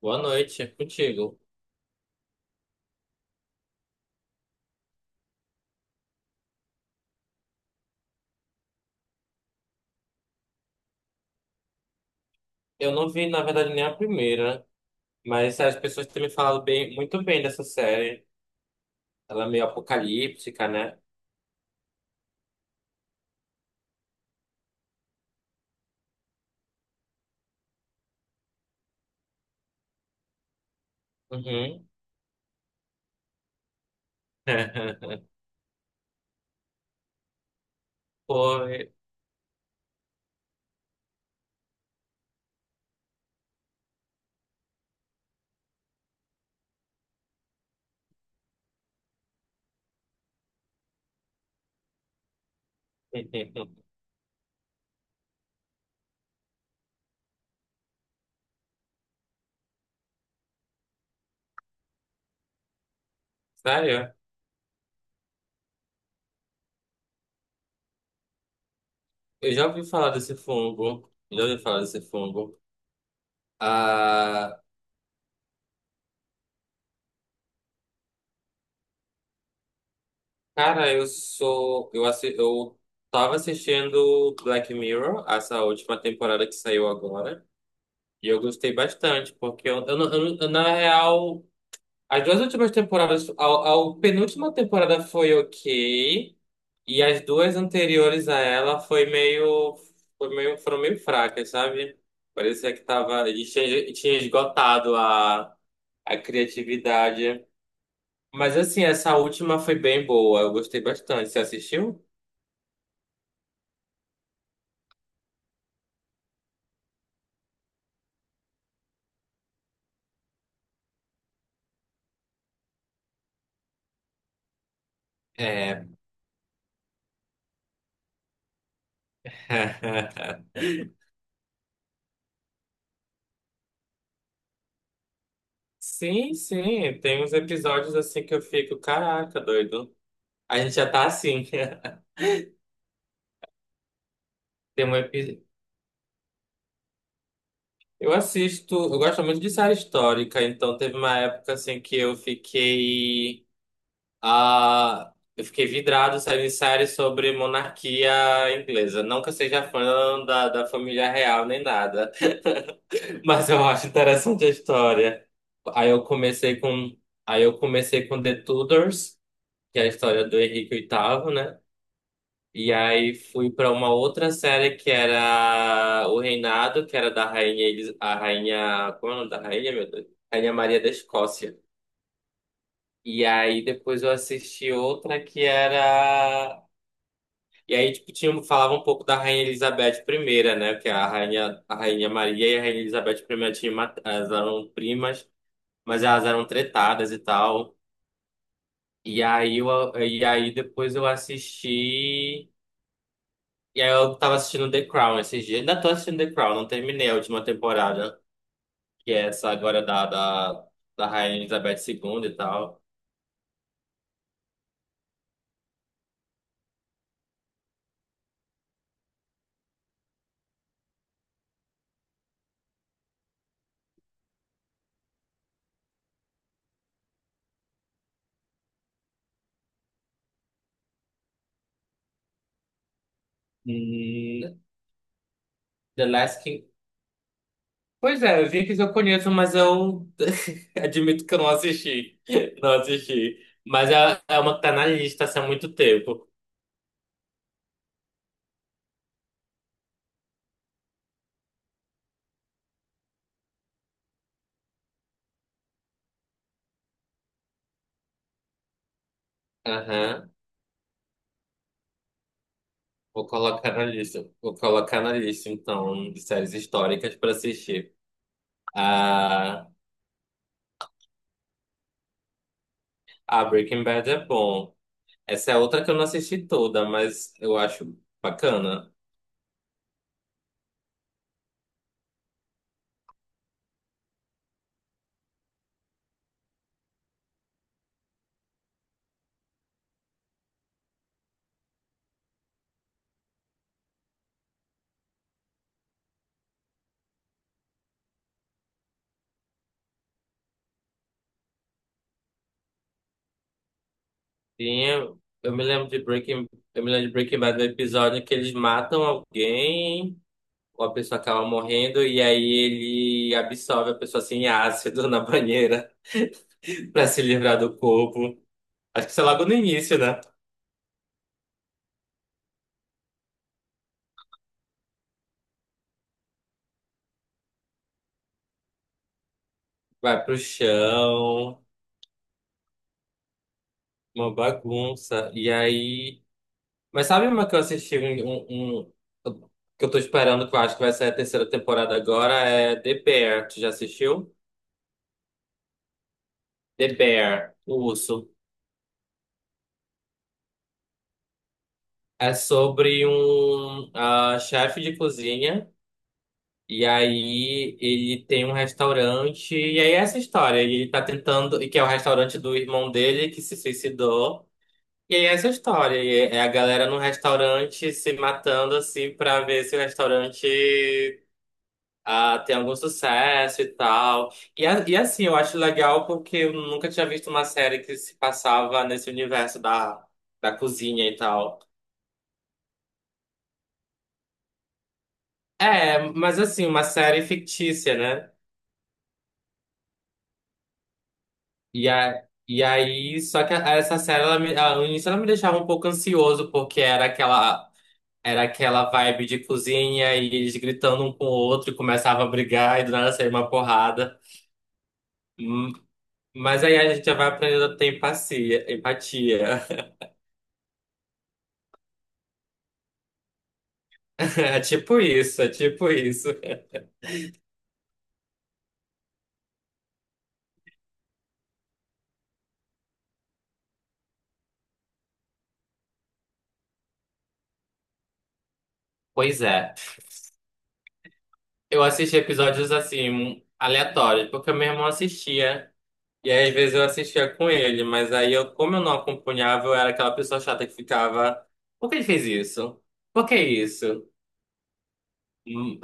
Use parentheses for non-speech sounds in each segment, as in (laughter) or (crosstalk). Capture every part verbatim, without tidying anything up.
Boa noite, é contigo. Eu não vi, na verdade, nem a primeira, mas as pessoas têm me falado bem, muito bem dessa série. Ela é meio apocalíptica, né? Uhum. (laughs) Foi. (laughs) Sério? Eu já ouvi falar desse fungo. Já ouvi falar desse fungo. Ah, cara, eu sou. Eu, assi... eu tava assistindo Black Mirror, essa última temporada que saiu agora. E eu gostei bastante, porque eu, eu, não- eu não- eu, na real. As duas últimas temporadas, a, a penúltima temporada foi ok, e as duas anteriores a ela foi meio, foi meio, foram meio fracas, sabe? Parecia que tava, e tinha, tinha esgotado a, a criatividade. Mas assim, essa última foi bem boa, eu gostei bastante. Você assistiu? É. (laughs) Sim, sim, tem uns episódios assim que eu fico, caraca, doido. A gente já tá assim. (laughs) Tem um epi- Eu assisto, eu gosto muito de série histórica, então teve uma época assim que eu fiquei ah, eu fiquei vidrado saindo em série sobre monarquia inglesa. Não que eu seja fã da, da família real nem nada, (laughs) mas eu acho interessante a história. Aí eu comecei com aí eu comecei com The Tudors, que é a história do Henrique oitavo, né? E aí fui pra uma outra série que era O Reinado, que era da rainha, Elis- a rainha, como é o nome da rainha, meu Deus? Rainha Maria da Escócia. E aí depois eu assisti outra que era E aí tipo tinha falava um pouco da rainha Elizabeth primeira, né, que é a rainha, a rainha Maria e a rainha Elizabeth primeira tinham mat- elas eram primas, mas elas eram tretadas e tal. E aí eu, e aí depois eu assisti E aí eu tava assistindo The Crown esses dias. Ainda tô assistindo The Crown, não terminei a última temporada, que é essa agora da, da, da Rainha Elizabeth segunda e tal. E The Last King. Pois é, eu vi que eu conheço, mas eu (laughs) admito que eu não assisti. (laughs) Não assisti. Mas é, é uma que tá na lista assim, há muito tempo. Aham. Vou colocar na lista. Vou colocar na lista, então, de séries históricas pra assistir. Ah, a Breaking Bad é bom. Essa é outra que eu não assisti toda, mas eu acho bacana. Tinha, eu me lembro de Breaking, eu me lembro de Breaking Bad do episódio que eles matam alguém, ou a pessoa acaba morrendo, e aí ele absorve a pessoa assim em ácido na banheira (laughs) pra se livrar do corpo. Acho que isso é logo no início, né? Vai pro chão, uma bagunça. E aí. Mas sabe uma que eu assisti um, um- um- que eu tô esperando, que eu acho que vai sair a terceira temporada agora, é The Bear. Tu já assistiu? The Bear, o urso. É sobre um ah, chefe de cozinha. E aí ele tem um restaurante. E aí é essa história. Ele tá tentando. e Que é o restaurante do irmão dele que se suicidou. E aí é essa história. E é a galera no restaurante se matando assim pra ver se o restaurante ah, tem algum sucesso e tal. E, a- e assim, eu acho legal porque eu nunca tinha visto uma série que se passava nesse universo da, da cozinha e tal. É, mas assim, uma série fictícia, né? E, a, e aí, só que a- Essa série, ela me, ela, no início ela me deixava um pouco ansioso, porque era aquela, era aquela vibe de cozinha e eles gritando um com o outro e começava a brigar e do nada saía uma porrada. Hum. Mas aí a gente já vai aprendendo a ter empatia, empatia. (laughs) É tipo isso, é tipo isso. Pois é. Eu assisti episódios assim, aleatórios, porque meu irmão assistia. E aí, às vezes eu assistia com ele, mas aí eu, como eu não acompanhava, eu era aquela pessoa chata que ficava, por que ele fez isso? Por que isso? Hum.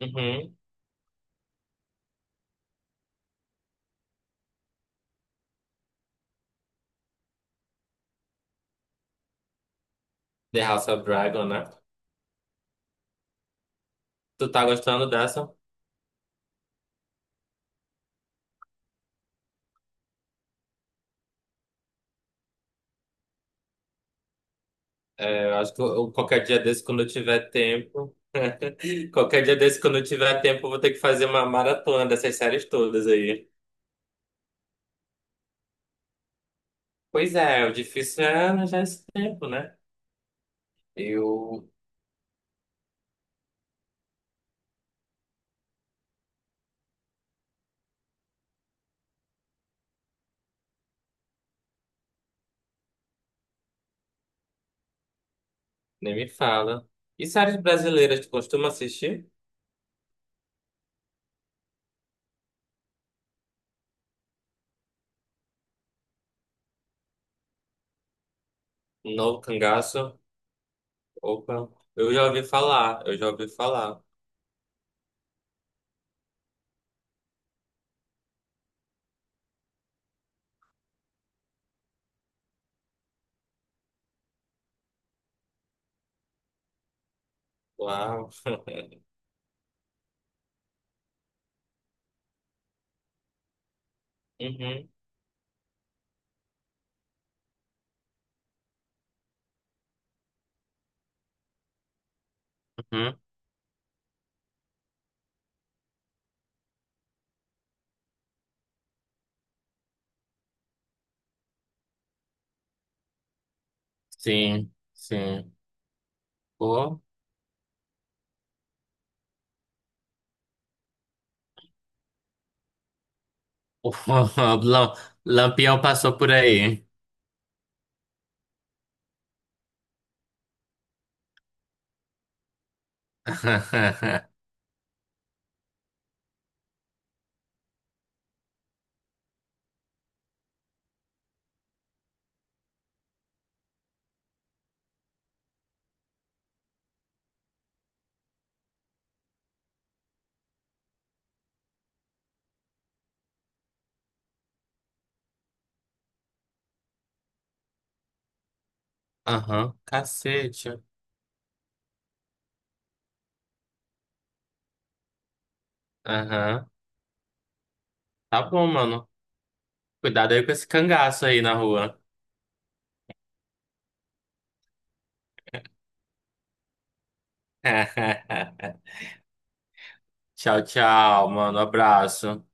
Uhum. The House of Dragon, né? Tu tá gostando dessa? É, eu acho que eu- qualquer dia desse, quando eu tiver tempo, (laughs) qualquer dia desse, quando eu tiver tempo, eu vou ter que fazer uma maratona dessas séries todas aí. Pois é, o difícil é arranjar esse tempo, né? Eu nem me fala. E séries brasileiras, tu costuma assistir? Novo Cangaço? Opa, eu já ouvi falar, eu já ouvi falar. Uau. (laughs) Uhum, uhum. Sim, sim. O, o (laughs) Lam- Lampião passou por aí. (laughs) Aham, cacete. Aham. Tá bom, mano. Cuidado aí com esse cangaço aí na rua. (laughs) Tchau, tchau, mano. Abraço.